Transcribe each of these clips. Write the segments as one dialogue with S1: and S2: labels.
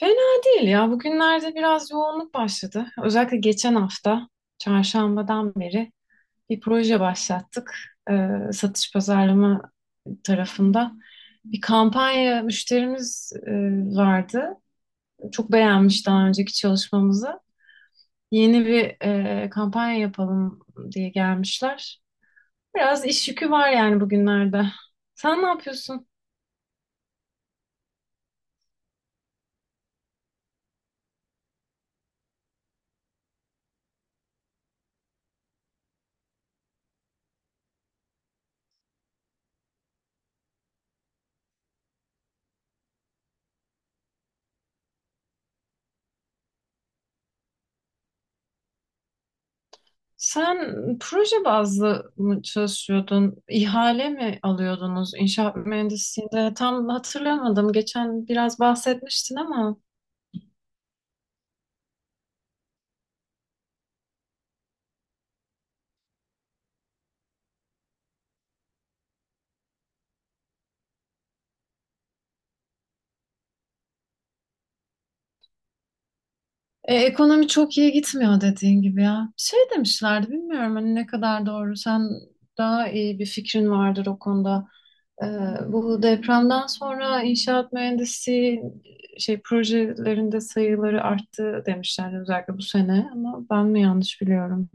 S1: Fena değil ya. Bugünlerde biraz yoğunluk başladı. Özellikle geçen hafta çarşambadan beri bir proje başlattık. Ee, satış pazarlama tarafında bir kampanya müşterimiz vardı. Çok beğenmiş daha önceki çalışmamızı. Yeni bir kampanya yapalım diye gelmişler. Biraz iş yükü var yani bugünlerde. Sen ne yapıyorsun? Sen proje bazlı mı çalışıyordun? İhale mi alıyordunuz inşaat mühendisliğinde? Tam hatırlamadım. Geçen biraz bahsetmiştin ama ekonomi çok iyi gitmiyor dediğin gibi ya. Şey demişlerdi, bilmiyorum hani ne kadar doğru. Sen daha iyi bir fikrin vardır o konuda. Ee, Bu depremden sonra inşaat mühendisi şey projelerinde sayıları arttı demişlerdi özellikle bu sene, ama ben mi yanlış biliyorum?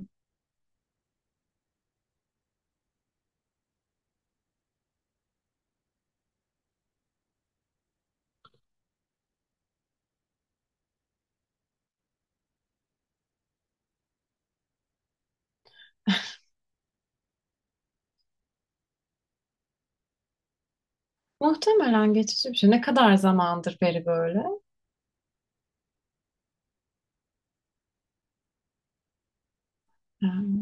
S1: Muhtemelen geçici bir şey. Ne kadar zamandır beri böyle? Ee,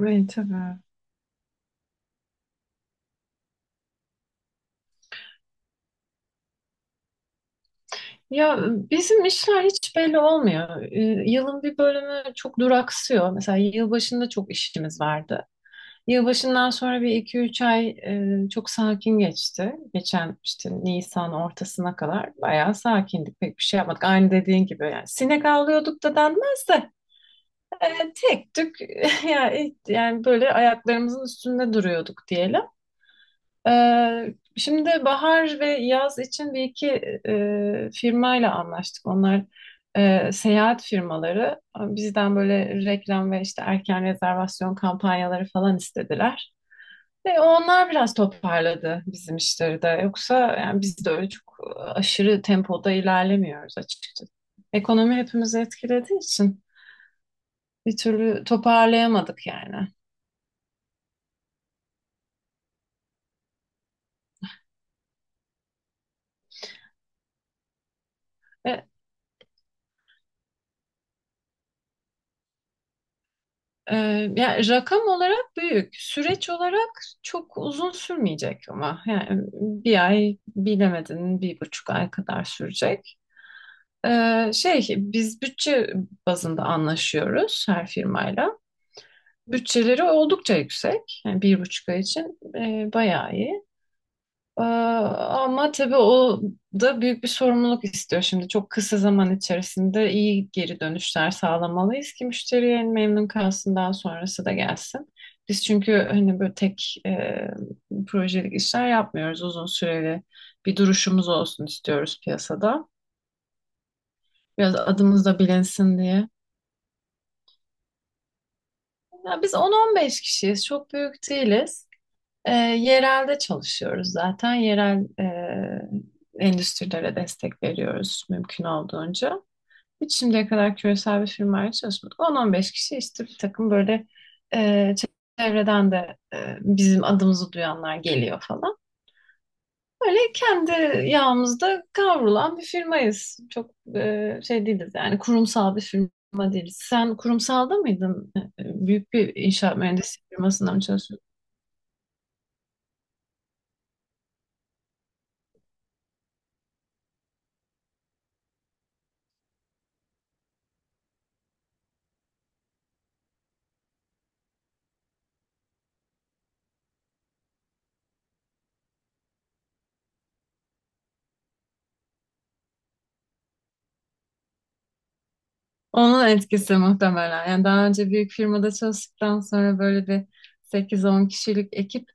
S1: Evet, tabii. Ya bizim işler hiç belli olmuyor. Yılın bir bölümü çok duraksıyor. Mesela yılbaşında çok işimiz vardı. Yılbaşından sonra bir iki üç ay çok sakin geçti. Geçen işte Nisan ortasına kadar bayağı sakindik. Pek bir şey yapmadık. Aynı dediğin gibi yani, sinek avlıyorduk da denmez de tek tük yani, yani böyle ayaklarımızın üstünde duruyorduk diyelim. E, şimdi bahar ve yaz için bir iki firmayla anlaştık. Onlar seyahat firmaları bizden böyle reklam ve işte erken rezervasyon kampanyaları falan istediler. Ve onlar biraz toparladı bizim işleri de. Yoksa yani biz de öyle çok aşırı tempoda ilerlemiyoruz açıkçası. Ekonomi hepimizi etkilediği için bir türlü toparlayamadık yani. Ve e, yani rakam olarak büyük, süreç olarak çok uzun sürmeyecek, ama yani bir ay, bilemedin bir buçuk ay kadar sürecek. Şey, biz bütçe bazında anlaşıyoruz her firmayla. Bütçeleri oldukça yüksek. Yani bir buçuk ay için bayağı iyi. Ama tabii o da büyük bir sorumluluk istiyor şimdi. Çok kısa zaman içerisinde iyi geri dönüşler sağlamalıyız ki müşteriye memnun kalsın, daha sonrası da gelsin. Biz çünkü hani böyle tek projelik işler yapmıyoruz. Uzun süreli bir duruşumuz olsun istiyoruz piyasada. Biraz adımız da bilinsin diye. Ya biz 10-15 kişiyiz. Çok büyük değiliz. Yerelde çalışıyoruz zaten. Yerel endüstrilere destek veriyoruz mümkün olduğunca. Hiç şimdiye kadar küresel bir firmayla çalışmadık. 10 beş kişi işte bir takım böyle e, çevreden de bizim adımızı duyanlar geliyor falan. Böyle kendi yağımızda kavrulan bir firmayız. Çok şey değiliz yani, kurumsal bir firma değiliz. Sen kurumsalda mıydın? Büyük bir inşaat mühendisliği firmasında mı çalışıyorsun? Onun etkisi muhtemelen. Yani daha önce büyük firmada çalıştıktan sonra böyle bir sekiz on kişilik ekip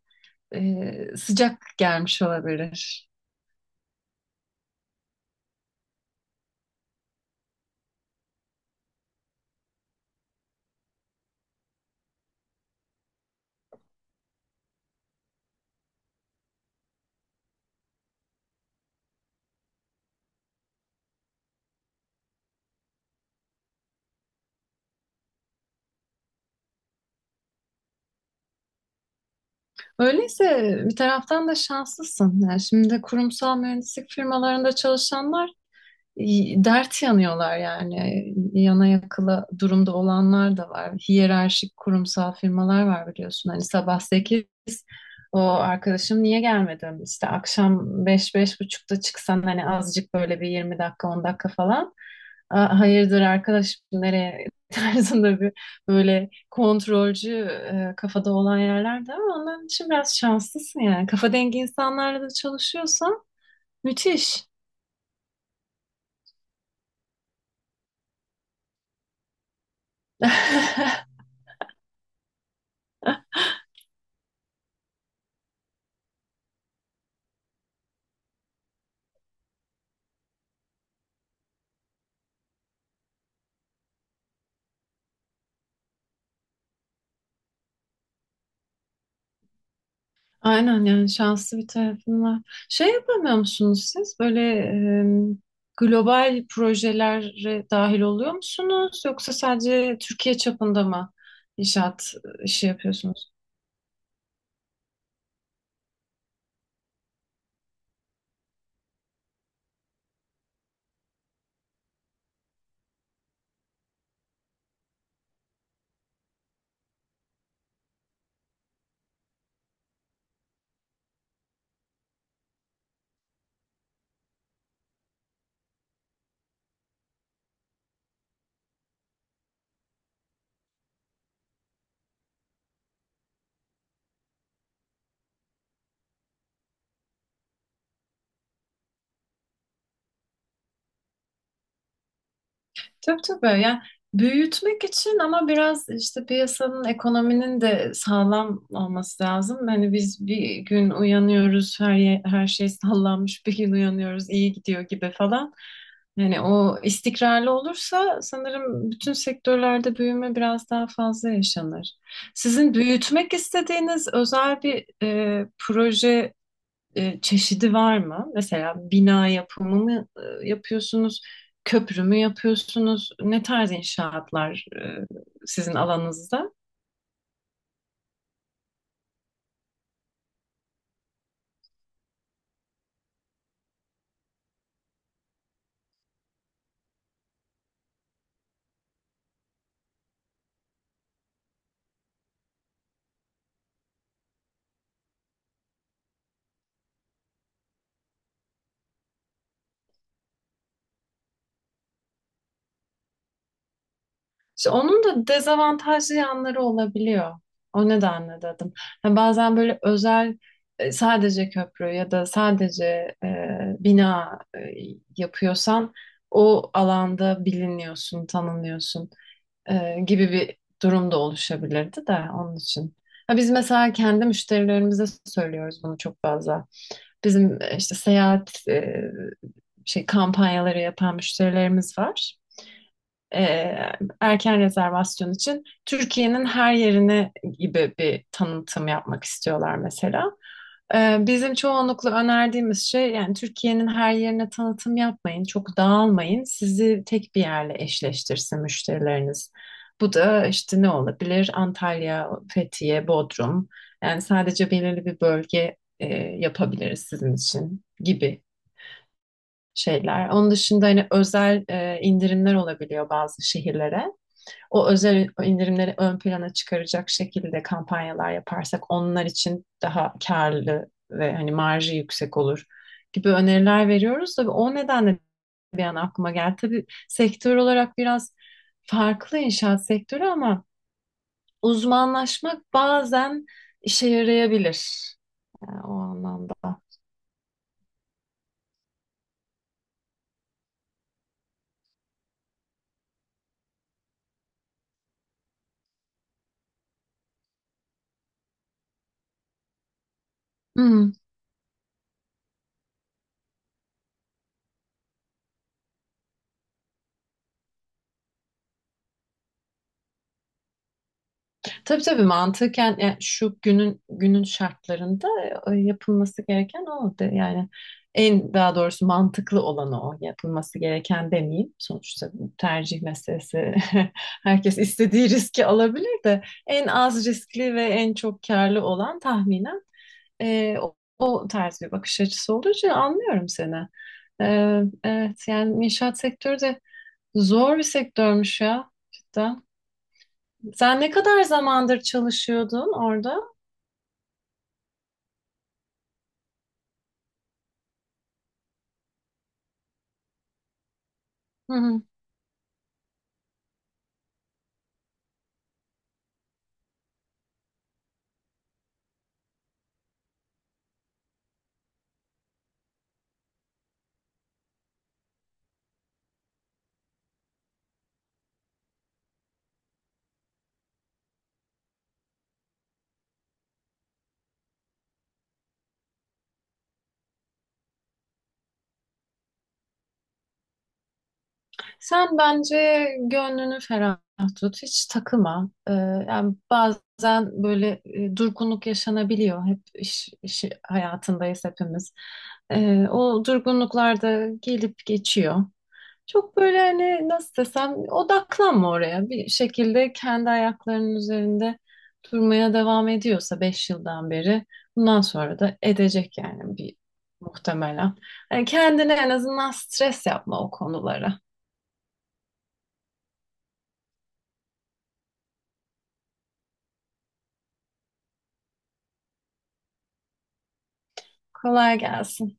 S1: sıcak gelmiş olabilir. Öyleyse bir taraftan da şanslısın. Yani şimdi kurumsal mühendislik firmalarında çalışanlar dert yanıyorlar yani. Yana yakıla durumda olanlar da var. Hiyerarşik kurumsal firmalar var biliyorsun. Hani sabah sekiz, o arkadaşım niye gelmedin? İşte akşam 5 beş buçukta çıksan, hani azıcık böyle bir 20 dakika 10 dakika falan. "Aa, hayırdır arkadaşım, nereye?" tarzında bir böyle kontrolcü kafada olan yerlerde, ama ondan için biraz şanslısın yani. Kafa dengi insanlarla da çalışıyorsan müthiş. Aynen, yani şanslı bir tarafın var. Şey yapamıyor musunuz siz? Böyle e, global projelere dahil oluyor musunuz? Yoksa sadece Türkiye çapında mı inşaat işi yapıyorsunuz? Tabii, tabii. Yani büyütmek için ama biraz işte piyasanın, ekonominin de sağlam olması lazım. Hani biz bir gün uyanıyoruz, her şey sallanmış, bir gün uyanıyoruz, iyi gidiyor gibi falan. Yani o istikrarlı olursa sanırım bütün sektörlerde büyüme biraz daha fazla yaşanır. Sizin büyütmek istediğiniz özel bir proje çeşidi var mı? Mesela bina yapımı mı yapıyorsunuz? Köprü mü yapıyorsunuz? Ne tarz inşaatlar sizin alanınızda? İşte onun da dezavantajlı yanları olabiliyor. O nedenle dedim. Ha, bazen böyle özel sadece köprü ya da sadece e, bina yapıyorsan o alanda biliniyorsun, tanınıyorsun gibi bir durum da oluşabilirdi de onun için. Ha, biz mesela kendi müşterilerimize söylüyoruz bunu çok fazla. Bizim işte seyahat şey kampanyaları yapan müşterilerimiz var, e, erken rezervasyon için Türkiye'nin her yerine gibi bir tanıtım yapmak istiyorlar mesela. Bizim çoğunlukla önerdiğimiz şey yani, Türkiye'nin her yerine tanıtım yapmayın, çok dağılmayın, sizi tek bir yerle eşleştirsin müşterileriniz. Bu da işte ne olabilir? Antalya, Fethiye, Bodrum. Yani sadece belirli bir bölge yapabiliriz sizin için gibi şeyler. Onun dışında hani özel indirimler olabiliyor bazı şehirlere, o özel indirimleri ön plana çıkaracak şekilde kampanyalar yaparsak onlar için daha karlı ve hani marjı yüksek olur gibi öneriler veriyoruz. Tabii o nedenle bir an aklıma geldi. Tabii sektör olarak biraz farklı, inşaat sektörü ama uzmanlaşmak bazen işe yarayabilir yani o anlamda. Hmm. Tabii, tabii, mantıken yani şu günün günün şartlarında yapılması gereken yani en, daha doğrusu mantıklı olanı o, yapılması gereken demeyeyim, sonuçta bu tercih meselesi. Herkes istediği riski alabilir, de en az riskli ve en çok karlı olan tahminen o tarz bir bakış açısı olduğu için anlıyorum seni. Evet, yani inşaat sektörü de zor bir sektörmüş ya cidden. Sen ne kadar zamandır çalışıyordun orada? Hı hı. Sen bence gönlünü ferah tut, hiç takıma. Yani bazen böyle durgunluk yaşanabiliyor. Hep iş, iş hayatındayız hepimiz. O durgunluklar da gelip geçiyor. Çok böyle hani nasıl desem odaklanma oraya. Bir şekilde kendi ayaklarının üzerinde durmaya devam ediyorsa 5 yıldan beri, bundan sonra da edecek yani bir muhtemelen. Hani kendine en azından stres yapma o konulara. Kolay gelsin.